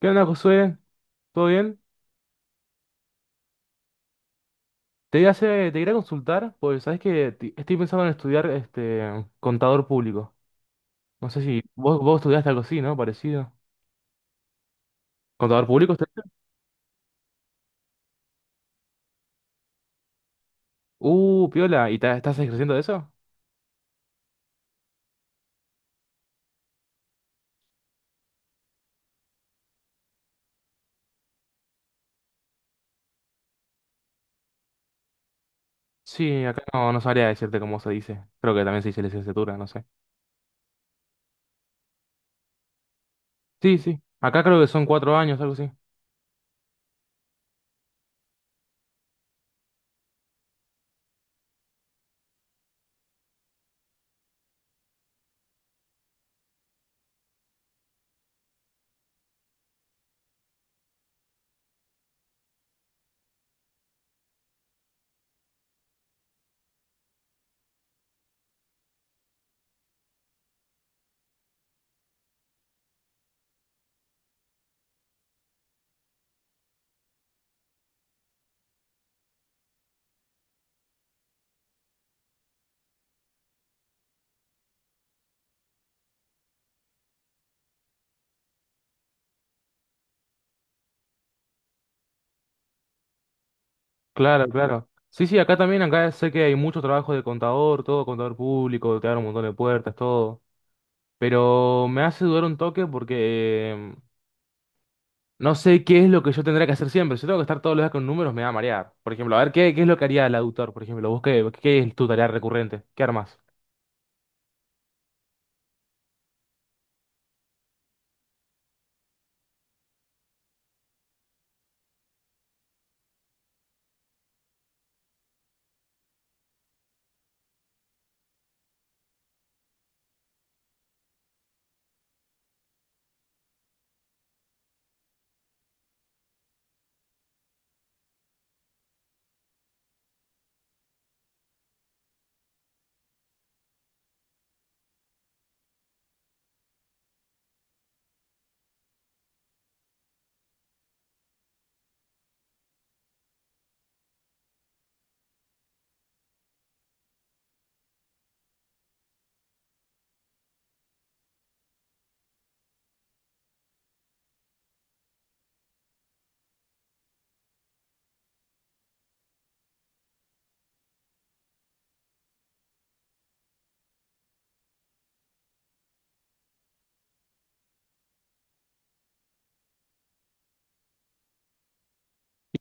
¿Qué onda, Josué? ¿Todo bien? Te iba a hacer- Te quería consultar, pues sabes que estoy pensando en estudiar este contador público. No sé si vos estudiaste algo así, ¿no? Parecido. ¿Contador público estudiaste? Piola, ¿y estás ejerciendo de eso? Sí, acá no, no sabría decirte cómo se dice. Creo que también se dice licenciatura, no sé. Sí, sí. Acá creo que son 4 años, algo así. Claro, claro. Sí, sí, acá también, acá sé que hay mucho trabajo de contador, todo contador público, te abre un montón de puertas, todo. Pero me hace dudar un toque porque no sé qué es lo que yo tendría que hacer siempre. Si tengo que estar todos los días con números, me va a marear. Por ejemplo, a ver, ¿qué es lo que haría el auditor? Por ejemplo, ¿vos qué es tu tarea recurrente? ¿Qué armas?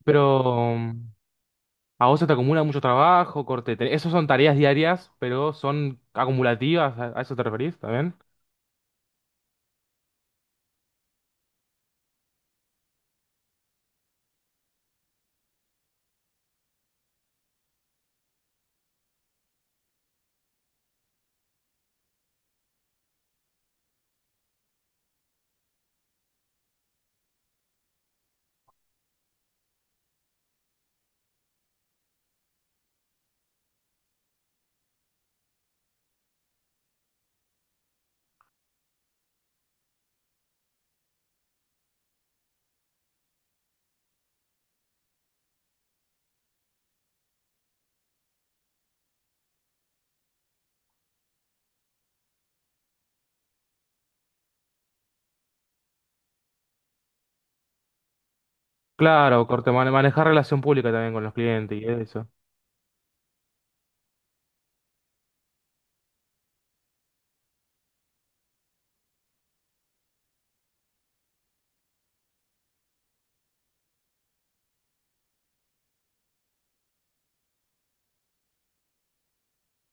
Pero a vos se te acumula mucho trabajo, corte. Esas son tareas diarias, pero son acumulativas. ¿A eso te referís también? Claro, corte, manejar relación pública también con los clientes y eso.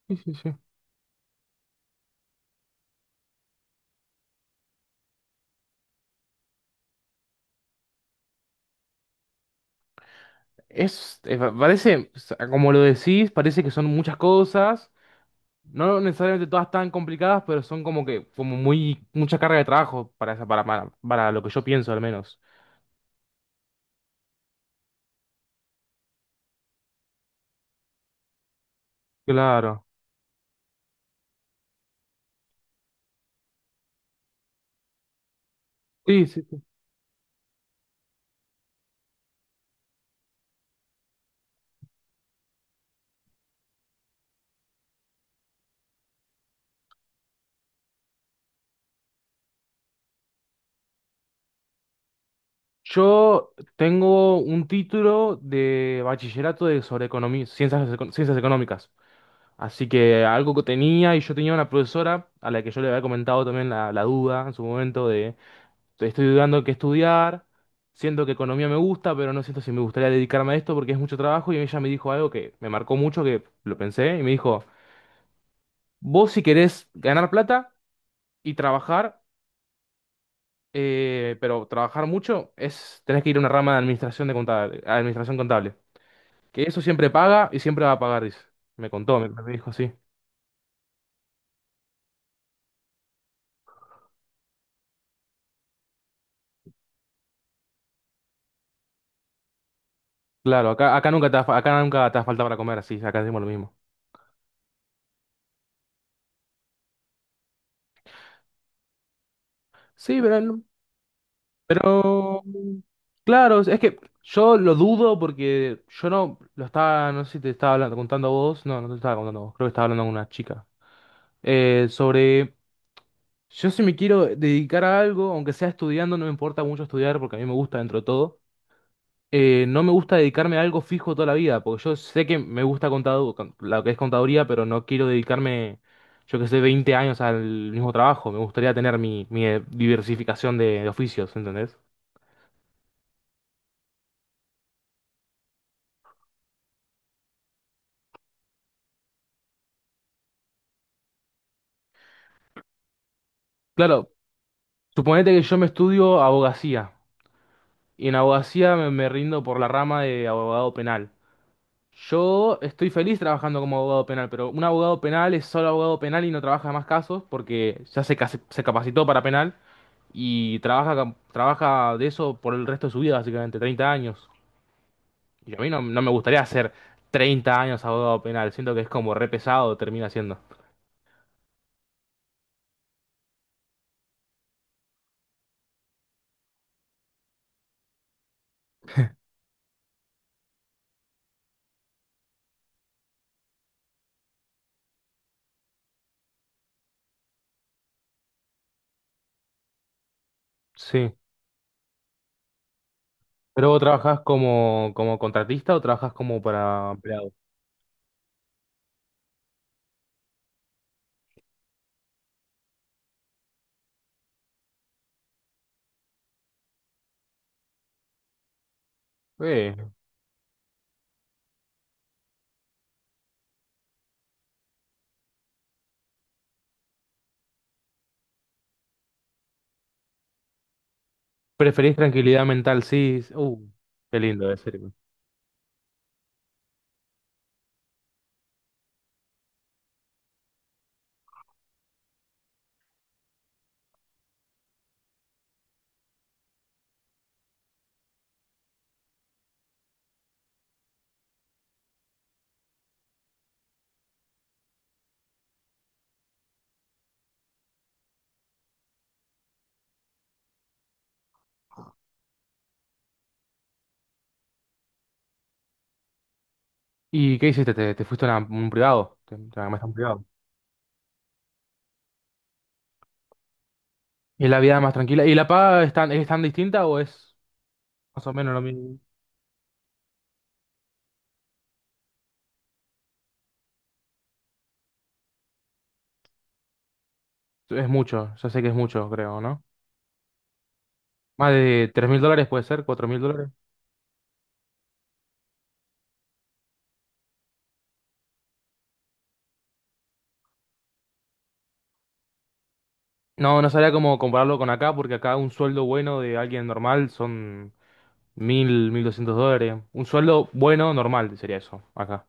Sí, sí, sí. Es, pa- parece, o sea, como lo decís, parece que son muchas cosas. No necesariamente todas tan complicadas, pero son como que, como muy, mucha carga de trabajo para esa, para lo que yo pienso al menos. Claro. Sí, sí, sí. Yo tengo un título de bachillerato de sobre economía, ciencias, ciencias económicas. Así que algo que tenía, y yo tenía una profesora a la que yo le había comentado también la duda en su momento de estoy dudando qué estudiar, siento que economía me gusta, pero no siento si me gustaría dedicarme a esto porque es mucho trabajo, y ella me dijo algo que me marcó mucho, que lo pensé, y me dijo. Vos si querés ganar plata y trabajar, pero trabajar mucho, tenés que ir a una rama de administración, de contable, administración contable. Que eso siempre paga y siempre va a pagar, dice. Me contó, me dijo así. Claro, acá nunca te falta para comer, así, acá decimos lo mismo. Sí, pero, pero claro, es que yo lo dudo porque yo no lo estaba, no sé si te estaba contando a vos, no, no te estaba contando a vos, creo que estaba hablando con una chica. Sobre Yo si me quiero dedicar a algo, aunque sea estudiando, no me importa mucho estudiar porque a mí me gusta dentro de todo. No me gusta dedicarme a algo fijo toda la vida, porque yo sé que me gusta lo que es contaduría, pero no quiero dedicarme, yo que sé, 20 años al mismo trabajo. Me gustaría tener mi diversificación de oficios, ¿entendés? Claro, suponete que yo me estudio abogacía y en abogacía me rindo por la rama de abogado penal. Yo estoy feliz trabajando como abogado penal, pero un abogado penal es solo abogado penal y no trabaja más casos porque ya se capacitó para penal y trabaja de eso por el resto de su vida, básicamente, 30 años. Y a mí no, no me gustaría hacer 30 años abogado penal, siento que es como re pesado, termina siendo. Sí. ¿Pero vos trabajás como contratista o trabajás como para empleado? Eh, Preferís tranquilidad mental, sí. Qué lindo, de serio. ¿Y qué hiciste? ¿Te fuiste a un privado? ¿Te armaste un privado? Y la vida más tranquila. ¿Y la paga es tan distinta o es más o menos lo mismo? Es mucho, ya sé que es mucho, creo, ¿no? Más de $3.000 puede ser, $4.000. No, no sabría cómo compararlo con acá, porque acá un sueldo bueno de alguien normal son mil, $1.200. Un sueldo bueno, normal sería eso, acá.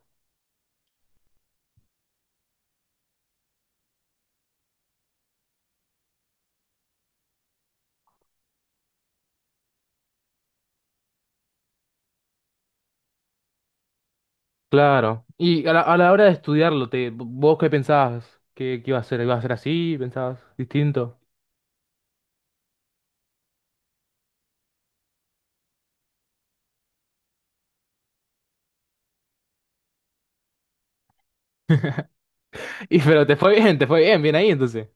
Claro. Y a la hora de estudiarlo, ¿vos qué pensabas? ¿Qué iba a ser? ¿Iba a ser así? ¿Pensabas distinto? Y pero te fue bien, bien ahí entonces.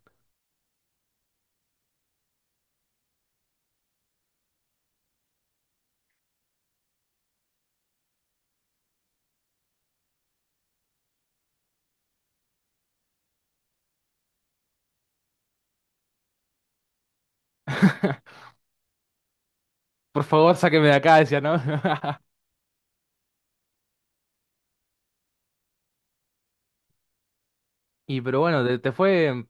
Por favor, sáqueme de acá, decía, ¿no? Y pero bueno,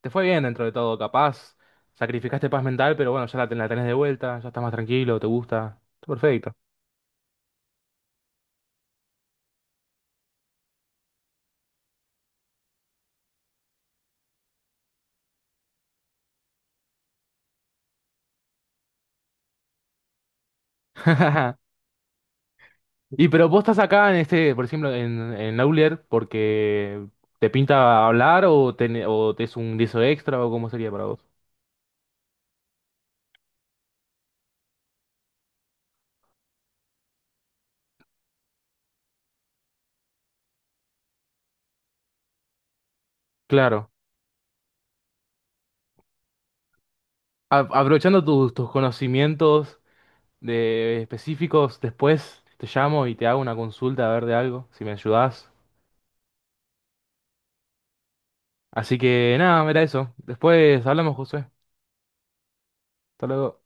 te fue bien dentro de todo, capaz. Sacrificaste paz mental, pero bueno, ya la tenés de vuelta, ya estás más tranquilo, te gusta. Está perfecto. Y pero vos estás acá en este, por ejemplo, en Aulier porque te pinta hablar o te es un guiso extra o cómo sería para vos. Claro. Aprovechando tus conocimientos de específicos, después te llamo y te hago una consulta a ver de algo, si me ayudás. Así que nada, mira eso. Después hablamos, José. Hasta luego.